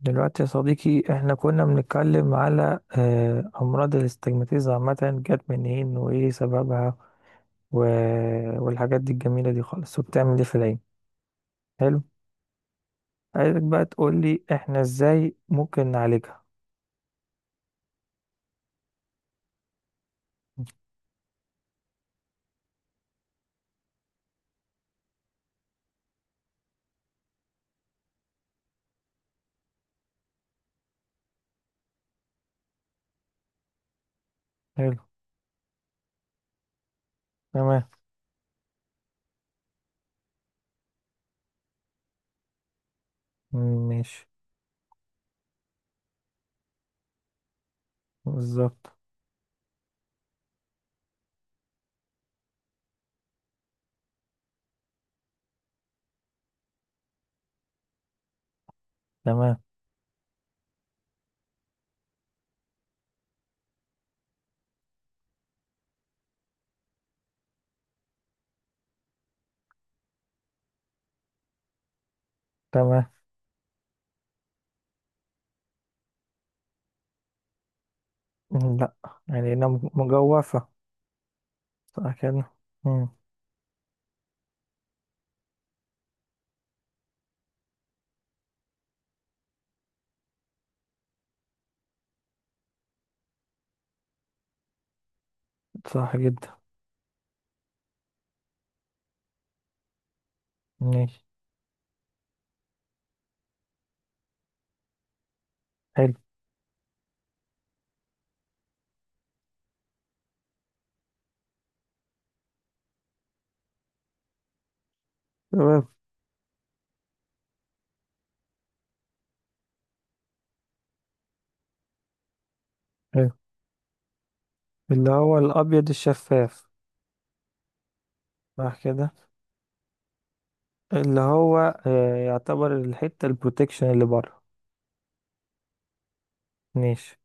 دلوقتي يا صديقي، احنا كنا بنتكلم على امراض الاستجماتيزا عامة. جت منين وايه سببها؟ و... والحاجات دي الجميلة دي خالص، وبتعمل ايه في العين؟ حلو. عايزك بقى تقول لي احنا ازاي ممكن نعالجها؟ حلو. تمام. مم، ماشي. بالظبط. تمام. تمام. مم، لا. يعني انا مجوفة. صح كده. مم. صح جدا. ماشي. حلو. تمام. حلو، اللي هو الابيض الشفاف. صح كده. اللي هو يعتبر الحتة البروتكشن اللي بره. ماشي.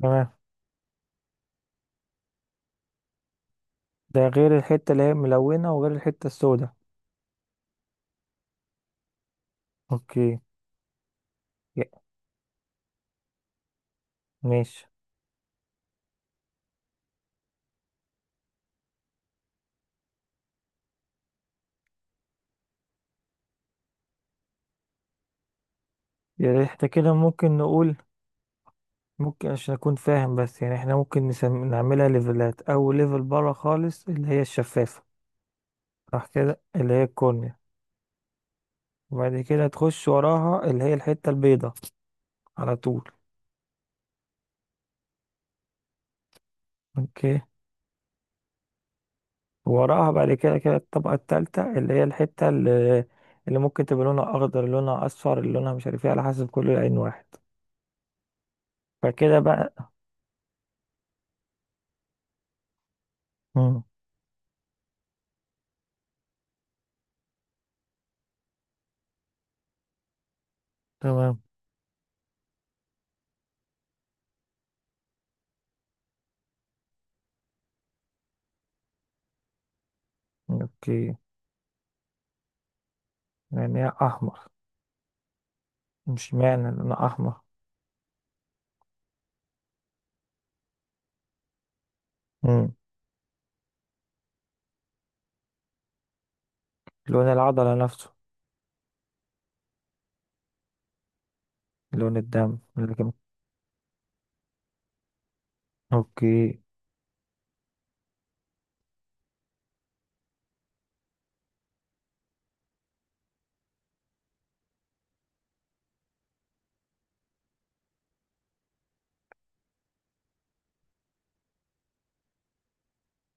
تمام. ده غير الحتة اللي هي ملونة، وغير الحتة السوداء. اوكي. يا- ماشي. يعني احنا كده ممكن نقول. ممكن عشان اكون فاهم بس، يعني احنا ممكن نعملها ليفلات. اول ليفل بره خالص اللي هي الشفافة. صح كده، اللي هي الكورنيا. وبعد كده تخش وراها اللي هي الحتة البيضة على طول. اوكي. وراها بعد كده كده الطبقة التالتة اللي هي الحتة اللي ممكن تبقى لونها أخضر، لونها أصفر، لونها مش عارف ايه، على حسب كل عين واحد. فكده بقى. مم. تمام. اوكي. يعني هي أحمر؟ مش معنى لونها أحمر. مم. لون العضلة نفسه. لون الدم لكن. اوكي.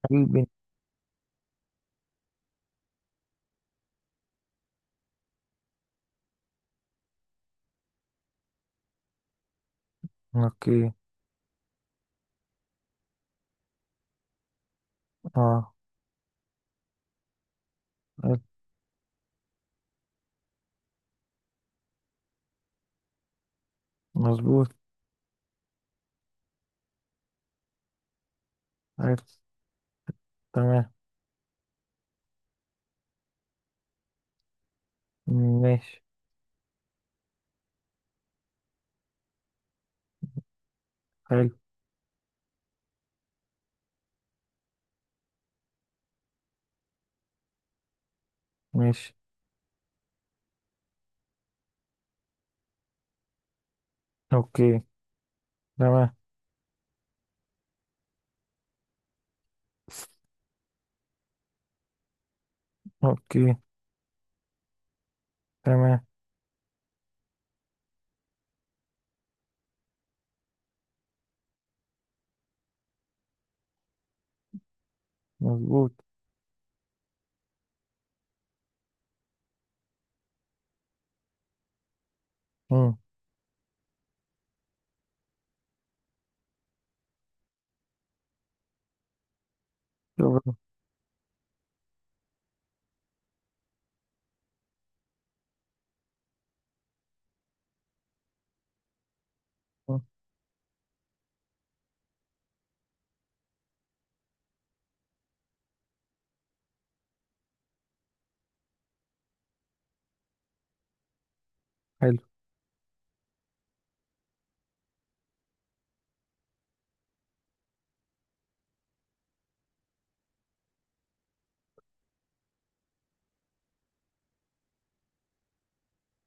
قلبي. اوكي. اه. حلو. مظبوط. عرفت. تمام. ماشي. حلو. ماشي. اوكي. تمام. اوكي. تمام. مظبوط. مم. شوف. حلو.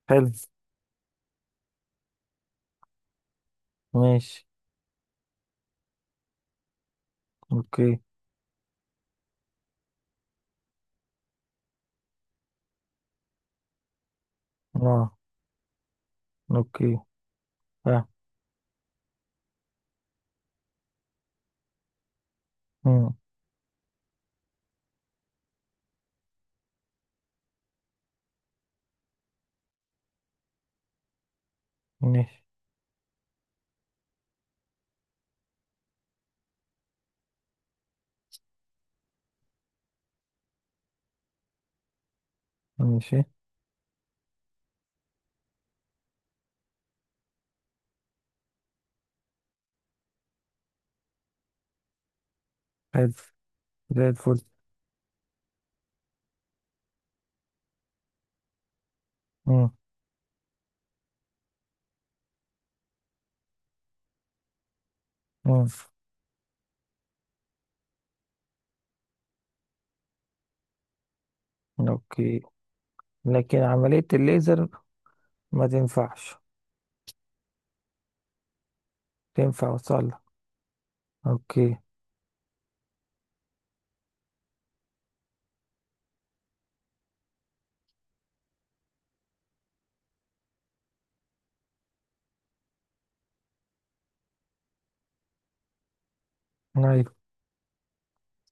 حلو. ماشي. اوكي. اه. اوكي. فاهم. مم، ماشي. ماشي. حلو. زي الفل. مم. مم. اوكي. لكن عملية الليزر ما تنفعش. تنفع وصلها. اوكي. ايوه.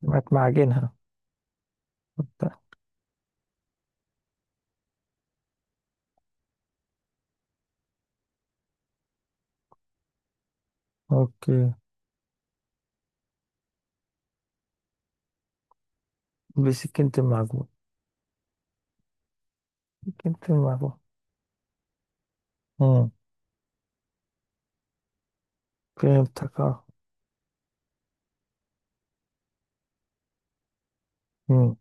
سمعت معجنها. اوكي. بسكينة المعجون. سكينة المعجون. مم. فهمتك اه. مم.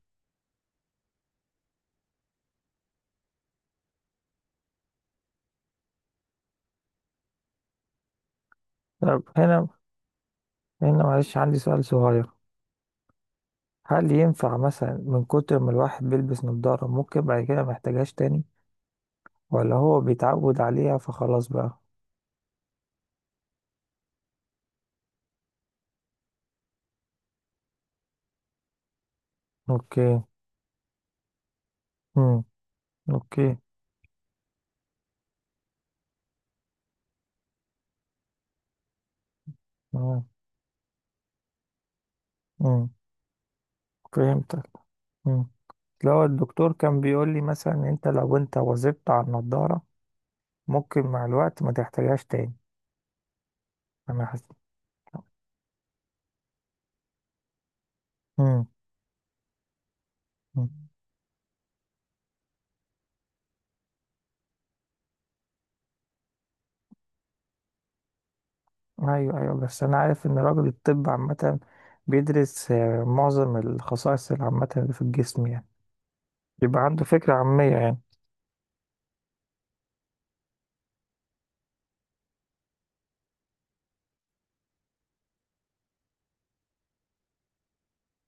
طب هنا معلش، عندي سؤال صغير. هل ينفع مثلا من كتر ما الواحد بيلبس نظارة، ممكن بعد كده ما يحتاجهاش تاني؟ ولا هو بيتعود عليها فخلاص بقى؟ اوكي. امم. اوكي. تمام. امم. فهمتك. امم. لو الدكتور كان بيقول لي مثلا، إن انت لو انت وظبت على النضارة، ممكن مع الوقت ما تحتاجهاش تاني. انا حاسس. امم. أمم. ايوه ايوه، بس انا عارف ان راجل الطب عامة بيدرس معظم الخصائص العامة اللي في الجسم يعني. يبقى عنده فكرة عامية يعني.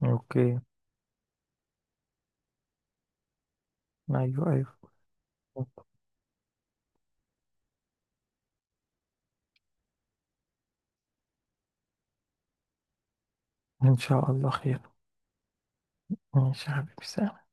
اوكي. ايوه ايوه. ان شاء الله خير. ماشي يا حبيبي، سلام.